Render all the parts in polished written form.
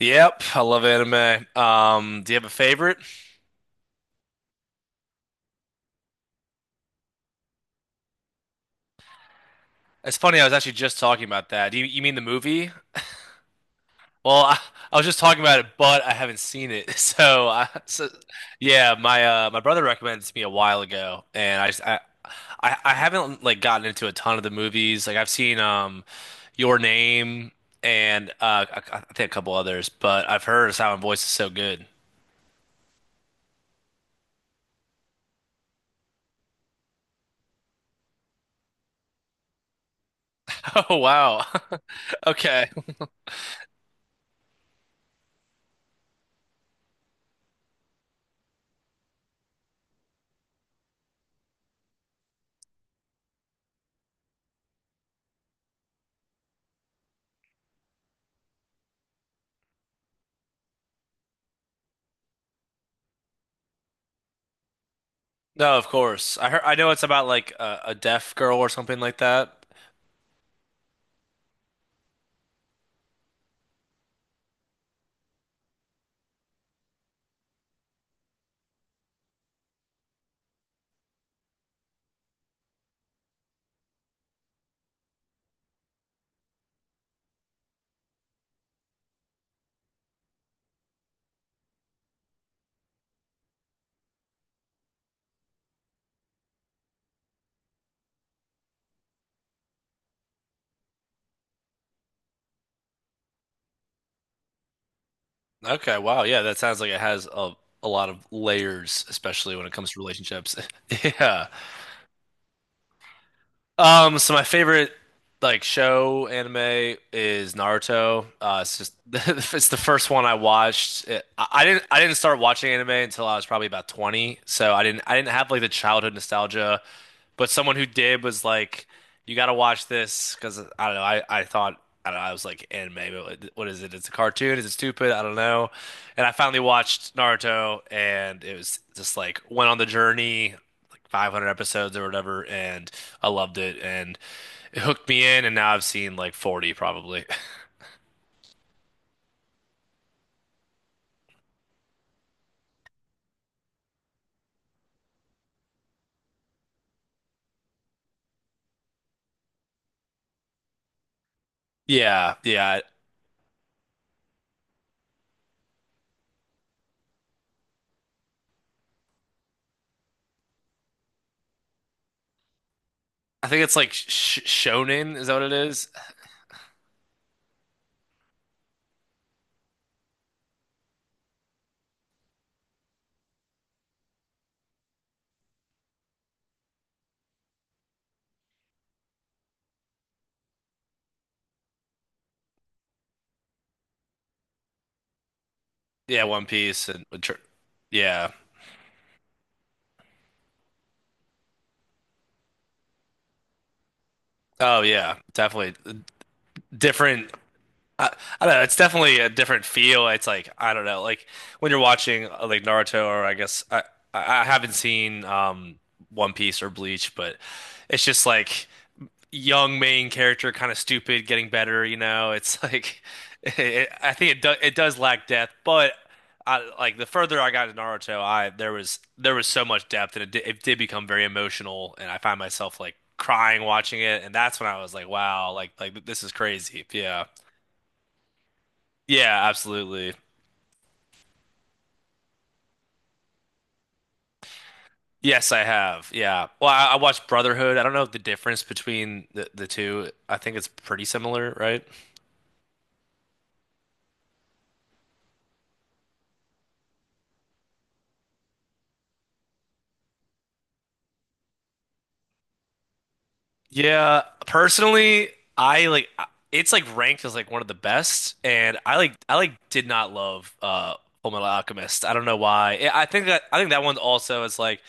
Yep, I love anime. Do you have a favorite? It's funny, I was actually just talking about that. You mean the movie? Well, I was just talking about it, but I haven't seen it. So yeah, my my brother recommended it to me a while ago, and I just I haven't like gotten into a ton of the movies. Like I've seen Your Name and I think a couple others, but I've heard Silent Voice is so good. Oh wow, okay. No, of course. I know it's about like a deaf girl or something like that. Okay, wow. Yeah, that sounds like it has a lot of layers, especially when it comes to relationships. Yeah. So my favorite show anime is Naruto. It's just it's the first one I watched. It, I didn't start watching anime until I was probably about 20, so I didn't have like the childhood nostalgia, but someone who did was like, you got to watch this because I don't know. I thought I don't know. I was like anime, but what is it? It's a cartoon. Is it stupid? I don't know. And I finally watched Naruto, and it was just like went on the journey like 500 episodes or whatever, and I loved it, and it hooked me in, and now I've seen like 40 probably. Yeah, yeah. I think it's like sh Shonen, is that what it is? Yeah, One Piece and yeah. Oh yeah, definitely different. I, I don't know. It's definitely a different feel. It's like I don't know, like when you're watching Naruto, or I I haven't seen One Piece or Bleach, but it's just like young main character, kind of stupid, getting better. You know, it's like it, I think it do, it does lack depth, but I like the further I got in Naruto, I there was so much depth, and it did become very emotional, and I find myself like crying watching it, and that's when I was like, wow, like this is crazy. Yeah, yeah, absolutely. Yes, I have. Yeah. Well, I watched Brotherhood. I don't know the difference between the two. I think it's pretty similar, right? Yeah, personally, I like it's like ranked as like one of the best, and I like did not love Fullmetal Alchemist. I don't know why. I think that one also is like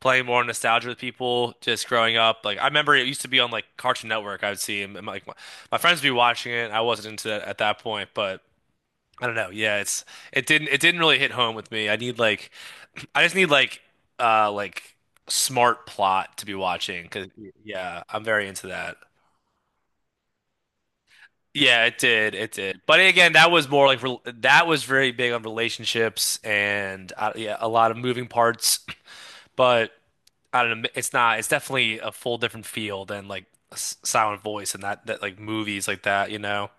playing more nostalgia with people just growing up. Like I remember it used to be on like Cartoon Network. I would see him and like my friends would be watching it. I wasn't into that at that point, but I don't know. Yeah, it's it didn't really hit home with me. I just need like uh like smart plot to be watching because yeah, I'm very into that. Yeah, it did. It did. But again, that was more like that was very big on relationships and yeah, a lot of moving parts. But I don't know. It's not. It's definitely a full different feel than like Silent Voice and that that like movies like that. You know.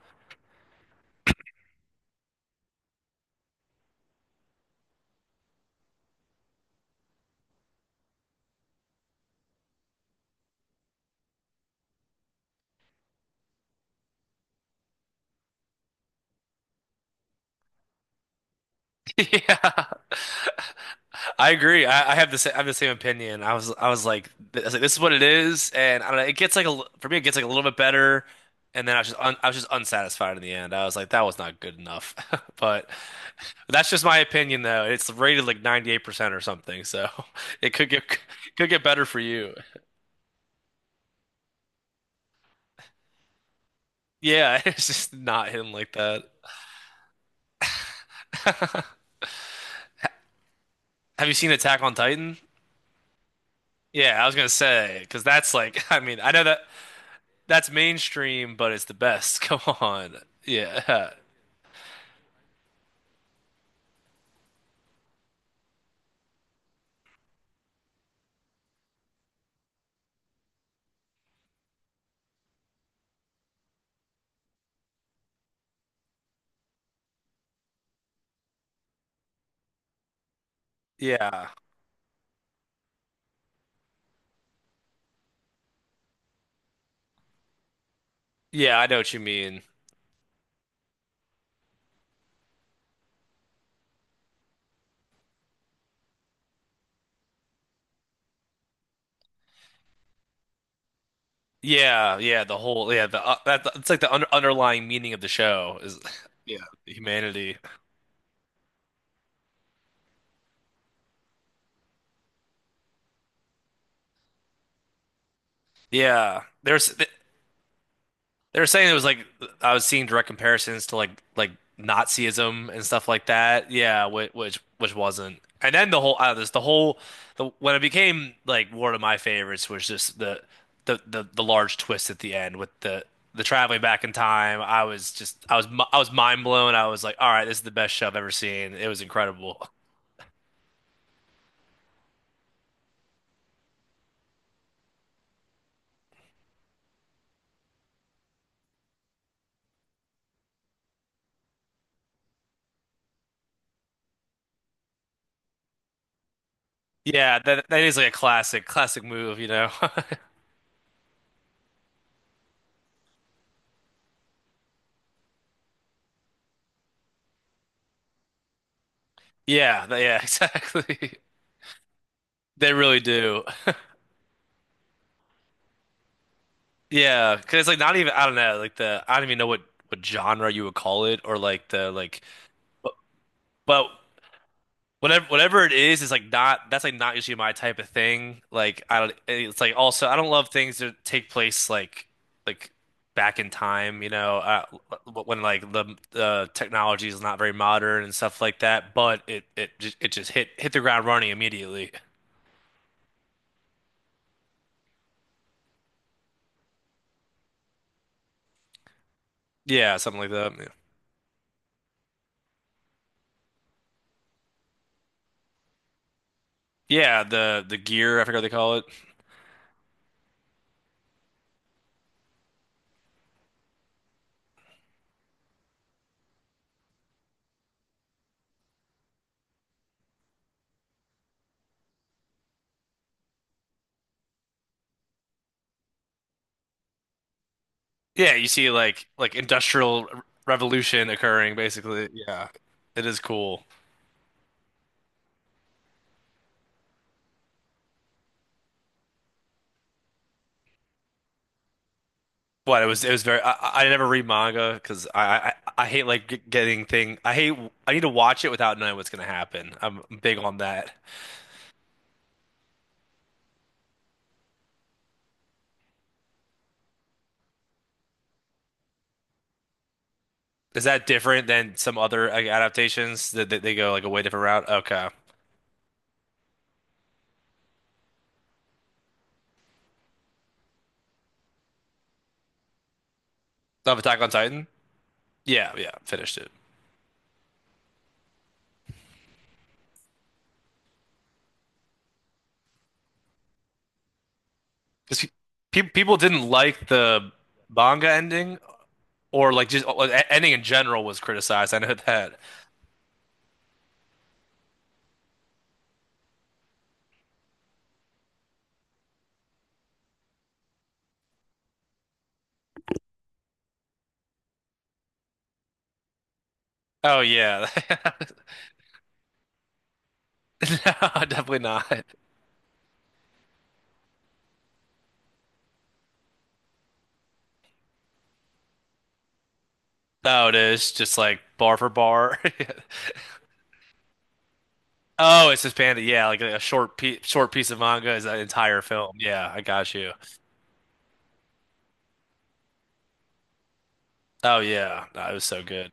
Yeah. I agree. I have the same opinion. I was like this is what it is, and I don't know. It gets like for me, it gets like a little bit better, and then I was just unsatisfied in the end. I was like that was not good enough, but that's just my opinion though. It's rated like 98% or something, so it could get better for you. Yeah, it's just not hidden like that. Have you seen Attack on Titan? Yeah, I was gonna say because that's like I mean I know that. That's mainstream, but it's the best. Come on. Yeah. Yeah. Yeah, I know what you mean. Yeah, yeah, the whole yeah, the that it's like the underlying meaning of the show is yeah, humanity. Yeah. There's they were saying it was like I was seeing direct comparisons to like Nazism and stuff like that. Yeah, which wasn't. And then the whole this the whole the when it became like one of my favorites was just the large twist at the end with the traveling back in time. I was mind blown. I was like, all right, this is the best show I've ever seen. It was incredible. Yeah, that is like a classic classic move, you know. Yeah, yeah, exactly. They really do. Yeah, because it's like not even I don't know like the I don't even know what genre you would call it or like the like but, but whatever whatever it is like not that's like not usually my type of thing. Like I don't It's like also I don't love things that take place like back in time, you know, when like the technology is not very modern and stuff like that. But it just hit the ground running immediately. Yeah, something like that. Yeah, yeah, the gear I forgot what they call it. Yeah, you see like industrial revolution occurring basically. Yeah. It is cool. But it was very I never read manga because I hate like g- getting thing I hate I need to watch it without knowing what's gonna happen. I'm big on that. Is that different than some other like adaptations that they go like a way different route? Okay. Of Attack on Titan? Yeah, yeah, finished it. Because pe people didn't like the manga ending or like just ending in general was criticized. I know that. Oh yeah. No, definitely not. Oh, it is just like bar for bar. Oh, it's just panda. Yeah, like a short piece of manga is that entire film. Yeah, I got you. Oh yeah, no, it was so good.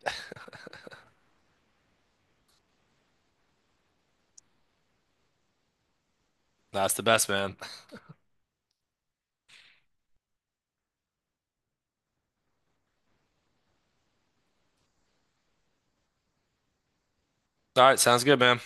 That's the best, man. All right, sounds good, man.